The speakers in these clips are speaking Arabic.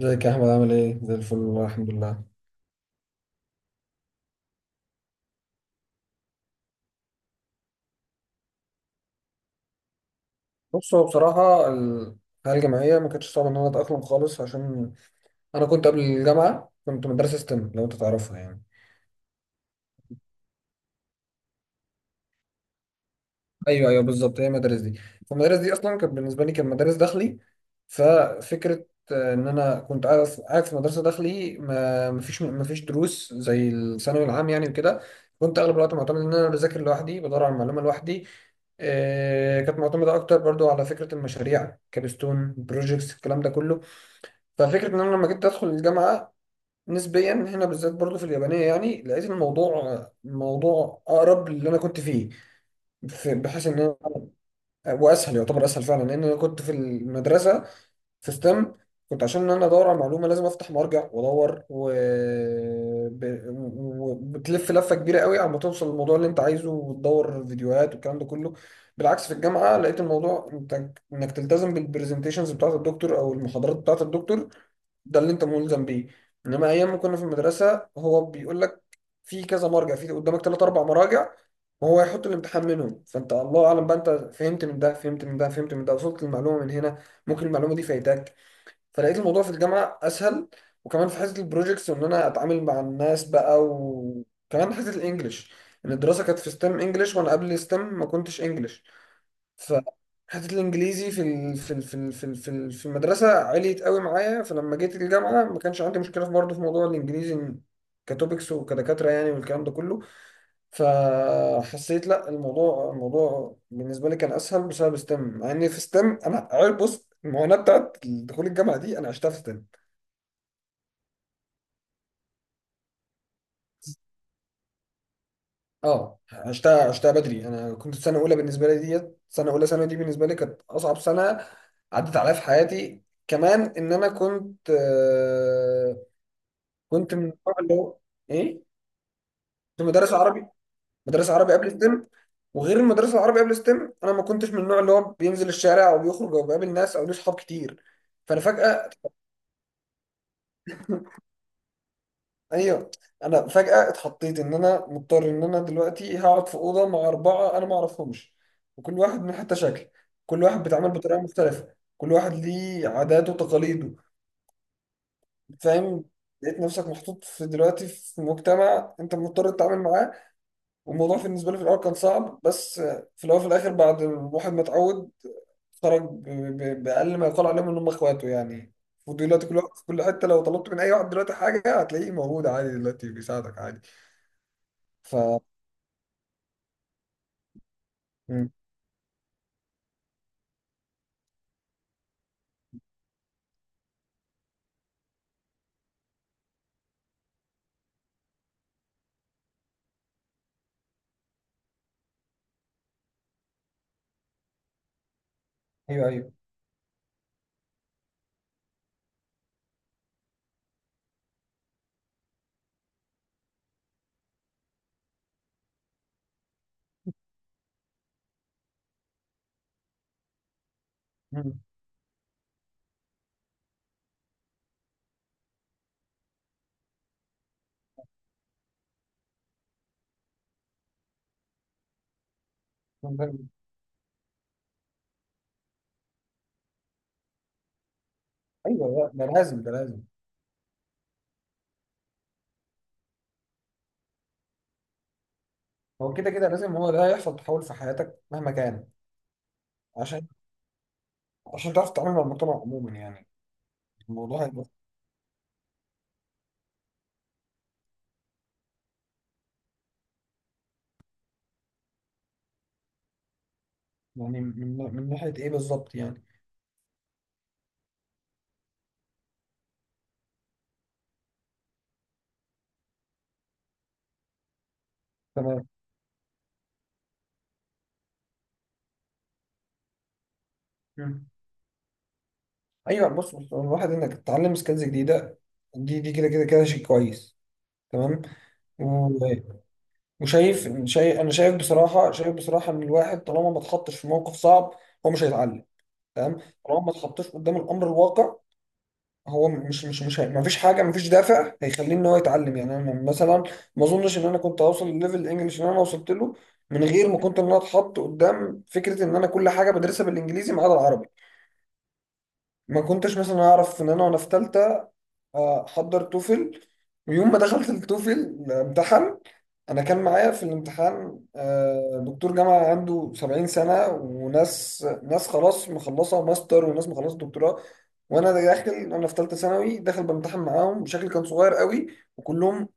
ازيك يا احمد، عامل ايه؟ زي الفل، والله الحمد لله. بص، هو بصراحه الحياه الجامعيه ما كانتش صعبه ان انا اتاقلم خالص، عشان انا كنت قبل الجامعه كنت مدرسه ستيم، لو انت تعرفها يعني. ايوه، ايوه، بالظبط، هي المدارس دي. فالمدارس دي اصلا كانت بالنسبه لي كانت مدارس داخلي. ففكره ان انا كنت قاعد في مدرسه داخلي، ما مفيش دروس زي الثانوي العام يعني وكده. كنت اغلب الوقت معتمد ان انا بذاكر لوحدي، بدور على المعلومه لوحدي. كانت معتمده اكتر برضو على فكره المشاريع، كابستون بروجيكتس، الكلام ده كله. ففكره ان انا لما جيت ادخل الجامعه، نسبيا هنا بالذات برضو في اليابانيه يعني، لقيت الموضوع موضوع اقرب للي انا كنت فيه. بحيث ان انا، واسهل، يعتبر اسهل فعلا، لان انا كنت في المدرسه في ستيم كنت عشان انا ادور على معلومه لازم افتح وارجع وادور ب... وبتلف لفه كبيره قوي على ما توصل للموضوع اللي انت عايزه، وتدور فيديوهات والكلام ده كله. بالعكس، في الجامعه لقيت الموضوع انت انك تلتزم بالبرزنتيشنز بتاعه الدكتور او المحاضرات بتاعه الدكتور، ده اللي انت ملزم بيه. انما ايام ما كنا في المدرسه هو بيقول لك في كذا مرجع، في قدامك ثلاث اربع مراجع، وهو يحط الامتحان منهم، فانت الله اعلم بقى، انت فهمت من ده، فهمت من ده، فهمت من ده، وصلت المعلومه من هنا، ممكن المعلومه دي فايتاك. فلقيت الموضوع في الجامعه اسهل، وكمان في حته البروجيكتس وان انا اتعامل مع الناس بقى، وكمان حته الانجليش. ان الدراسه كانت في ستيم انجليش، وانا قبل ستيم ما كنتش انجليش. فحته الانجليزي في ال- في ال- في ال- في ال- في ال- في المدرسه عليت قوي معايا، فلما جيت الجامعه ما كانش عندي مشكله، في برضه، في موضوع الانجليزي. كتوبكس وكدكاتره يعني والكلام ده كله. فحسيت لا، الموضوع بالنسبه لي كان اسهل بسبب ستيم، مع ان في ستيم انا عارف، بص، المعاناه بتاعت دخول الجامعه دي انا عشتها في ستيم. اه، عشتها بدري. انا كنت سنه اولى، بالنسبه لي، ديت سنه اولى ثانوي دي بالنسبه لي كانت اصعب سنه عدت عليا في حياتي. كمان ان انا كنت، كنت من النوع اللي هو. ايه، كنت مدرس عربي، مدرس عربي قبل ستيم. وغير المدرس العربي قبل ستيم، انا ما كنتش من النوع اللي هو بينزل الشارع او بيخرج او بيقابل ناس او ليه صحاب كتير. فانا فجاه. ايوه. انا فجأة اتحطيت ان انا مضطر، ان انا دلوقتي هقعد في أوضة مع أربعة انا ما اعرفهمش، وكل واحد من حتى شكل، كل واحد بيتعامل بطريقة مختلفة، كل واحد ليه عاداته وتقاليده. فاهم. لقيت نفسك محطوط في دلوقتي في مجتمع انت مضطر تتعامل معاه، والموضوع بالنسبة لي في الاول كان صعب، بس في الاول وفي الاخر بعد الواحد ما اتعود، خرج بأقل ما يقال عليهم ان هم اخواته يعني. ودلوقتي كل واحد في كل حتة، لو طلبت من اي واحد دلوقتي حاجة هتلاقيه موجود عادي، دلوقتي بيساعدك عادي. ف مم. ايوه، ايوه. مم. مم. ايوه. لا، ده لازم، ده لازم. هو كده كده لازم، هو ده يحصل تحول في حياتك مهما كان، عشان عشان تعرف تتعامل مع المجتمع عموما يعني. الموضوع هيبقى يعني من ناحيه ايه بالظبط يعني؟ تمام. مم. ايوه، بص، بص، هو الواحد انك تتعلم سكيلز جديده دي كده كده كده شيء كويس. تمام. و- وشايف شايف انا شايف بصراحه شايف بصراحه ان الواحد طالما ما اتحطش في موقف صعب هو مش هيتعلم. تمام. طالما ما اتحطش قدام الامر الواقع هو مش مش مش ما فيش حاجه، ما فيش دافع هيخليه ان هو يتعلم يعني. انا مثلا ما اظنش ان انا كنت هوصل لليفل الانجليش اللي انا وصلت له من غير ما كنت ان انا اتحط قدام فكره ان انا كل حاجه بدرسها بالانجليزي ما عدا العربي. ما كنتش مثلا اعرف ان انا وانا في ثالثه حضر توفل، ويوم ما دخلت التوفل امتحن، انا كان معايا في الامتحان دكتور جامعه عنده 70 سنه، وناس ناس خلاص مخلصه ماستر، وناس مخلصه دكتوراه، وانا داخل، انا في ثالثه ثانوي داخل بامتحن معاهم بشكل كان صغير قوي. وكلهم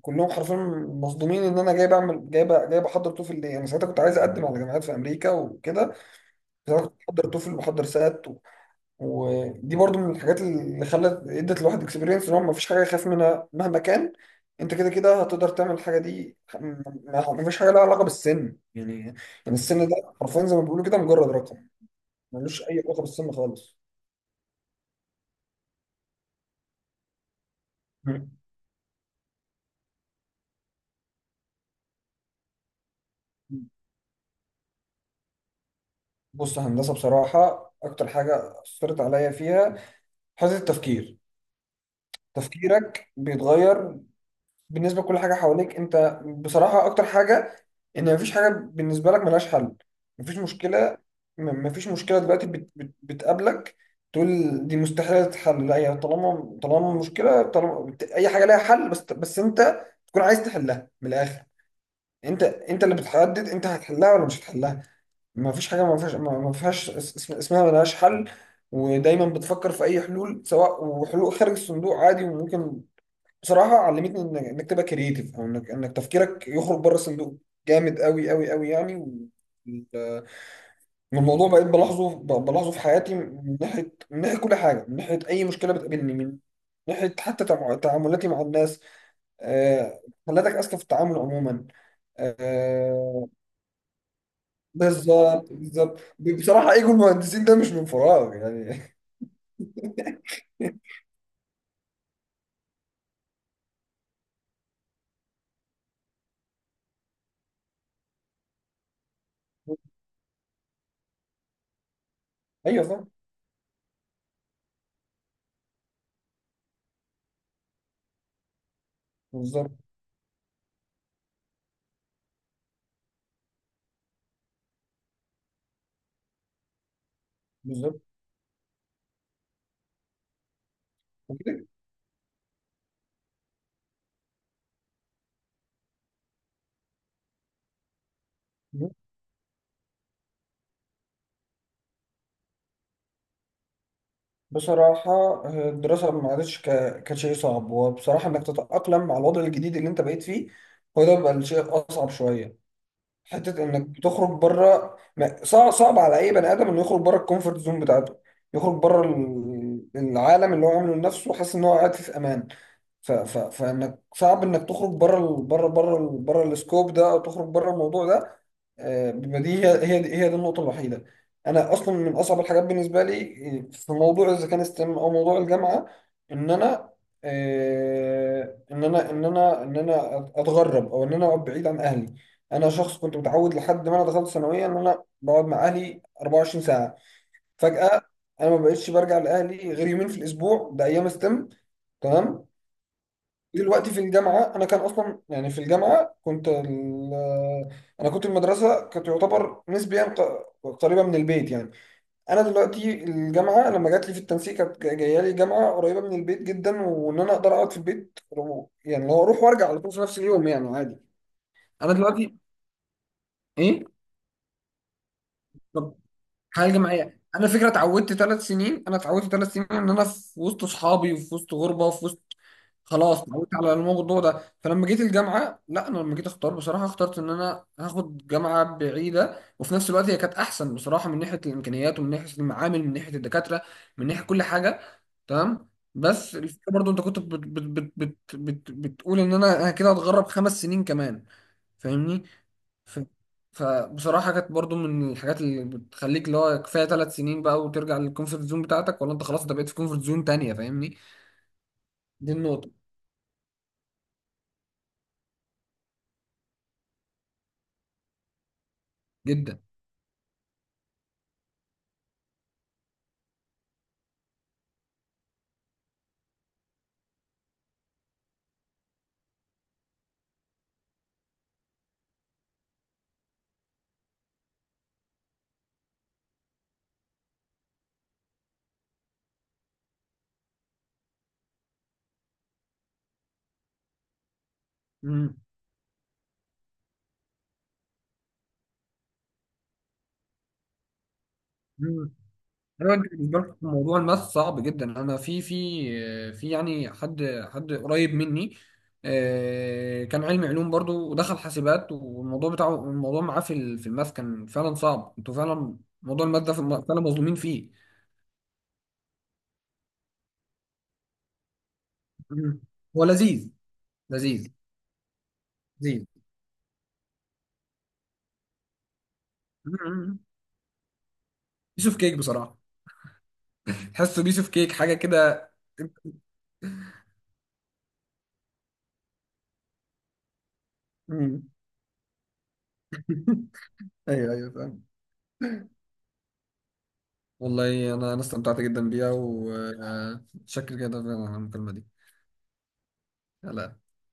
كلهم حرفيا مصدومين ان انا جاي بعمل، جاي بحضر توفل. ليه؟ انا ساعتها كنت عايز اقدم على جامعات في امريكا وكده. ساعتها كنت بحضر توفل وبحضر سات. ودي برضو من الحاجات اللي خلت، ادت الواحد اكسبيرينس ان هو مفيش حاجه يخاف منها مهما كان، انت كده كده هتقدر تعمل الحاجه دي. مفيش حاجه لها علاقه بالسن يعني. يعني السن ده حرفيا زي ما بيقولوا كده، مجرد رقم، ملوش اي علاقه بالسن خالص. مم. بص، هندسه بصراحه اكتر حاجه اثرت عليا فيها حته التفكير. تفكيرك بيتغير بالنسبه لكل حاجه حواليك. انت بصراحه اكتر حاجه، ان مفيش حاجه بالنسبه لك ملهاش حل. مفيش مشكله، مفيش مشكله دلوقتي بت بت بتقابلك تقول دي مستحيله تتحل. لا، هي طالما مشكله، طالما اي حاجه ليها حل، بس انت تكون عايز تحلها من الاخر. انت اللي بتحدد انت هتحلها ولا مش هتحلها. مفيش حاجه ما فيهاش، ما فيهاش اسمها ملهاش حل. ودايما بتفكر في اي حلول، سواء وحلول خارج الصندوق، عادي وممكن. بصراحه علمتني انك تبقى كرييتيف، او انك تفكيرك يخرج بره الصندوق جامد قوي قوي قوي يعني. والموضوع بقيت بلاحظه، بلاحظه في حياتي، من ناحيه كل حاجه، من ناحيه اي مشكله بتقابلني، من ناحيه حتى تعاملاتي مع الناس. آه، خلاتك اذكى في التعامل عموما. آه، بالظبط، بالظبط. بصراحه، ايجو المهندسين ده مش من فراغ يعني. ايوه، فاهم. بالظبط، بالظبط. بصراحة، الدراسة ما عادتش كشيء صعب، وبصراحة إنك تتأقلم مع الوضع الجديد اللي أنت بقيت فيه، هو ده بقى الشيء أصعب شوية. حتة إنك تخرج بره، صعب، صعب على أي بني آدم إنه يخرج بره الكومفورت زون بتاعته، يخرج بره العالم اللي هو عامله لنفسه وحاسس إن هو قاعد فيه في أمان. فانك صعب انك تخرج بره السكوب ده، او تخرج بره الموضوع ده. بيبقى دي هي. هي دي النقطه الوحيده. انا اصلا من اصعب الحاجات بالنسبه لي، في موضوع اذا كان ستيم او موضوع الجامعه، ان انا، ان انا اتغرب او ان انا اقعد بعيد عن اهلي. انا شخص كنت متعود لحد ما انا دخلت ثانويه ان انا بقعد مع اهلي 24 ساعه. فجاه انا ما بقتش برجع لاهلي غير يومين في الاسبوع، ده ايام ستيم. تمام. دلوقتي في الجامعة أنا كان أصلا يعني، في الجامعة كنت أنا كنت المدرسة كانت تعتبر نسبيا قريبة من البيت يعني. أنا دلوقتي الجامعة لما جات لي في التنسيق كانت جاية لي جامعة قريبة من البيت جدا، وإن أنا أقدر أقعد في البيت، يعني لو أروح وأرجع على طول في نفس اليوم يعني عادي. أنا دلوقتي. إيه؟ طب. حاجة جماعية، أنا فكرة اتعودت 3 سنين، أنا اتعودت 3 سنين إن أنا في وسط أصحابي وفي وسط غربة وفي وسط. خلاص اتعودت على الموضوع ده. فلما جيت الجامعه، لا، انا لما جيت اختار، بصراحه اخترت ان انا هاخد جامعه بعيده، وفي نفس الوقت هي كانت احسن بصراحه من ناحيه الامكانيات، ومن ناحيه المعامل، من ناحيه الدكاتره، من ناحيه كل حاجه. تمام. بس الفكره برضو، انت كنت بت بت بت بت بت بتقول ان انا كده هتغرب 5 سنين كمان، فاهمني؟ ف فبصراحه كانت برضو من الحاجات اللي بتخليك اللي هو كفايه 3 سنين بقى وترجع للكومفورت زون بتاعتك، ولا انت خلاص انت بقيت في كومفورت زون تانية، فاهمني؟ دي النقطه. جدا. مم. مم. ايوه، انت بالنسبه لك موضوع الماث صعب جدا. انا في، في يعني حد قريب مني كان علمي علوم برضو ودخل حاسبات، والموضوع بتاعه، الموضوع معاه في في الماث كان فعلا صعب. انتوا فعلا موضوع الماث ده في فعلا مظلومين فيه. مم. هو لذيذ. لذيذ، لذيذ. مم. بيس اوف كيك بصراحه. تحسه بيس اوف كيك، حاجه كده. مم. ايوه، ايوه، فاهم. والله انا استمتعت جدا بيها، وشكرا جدا على المكالمه دي. يلا.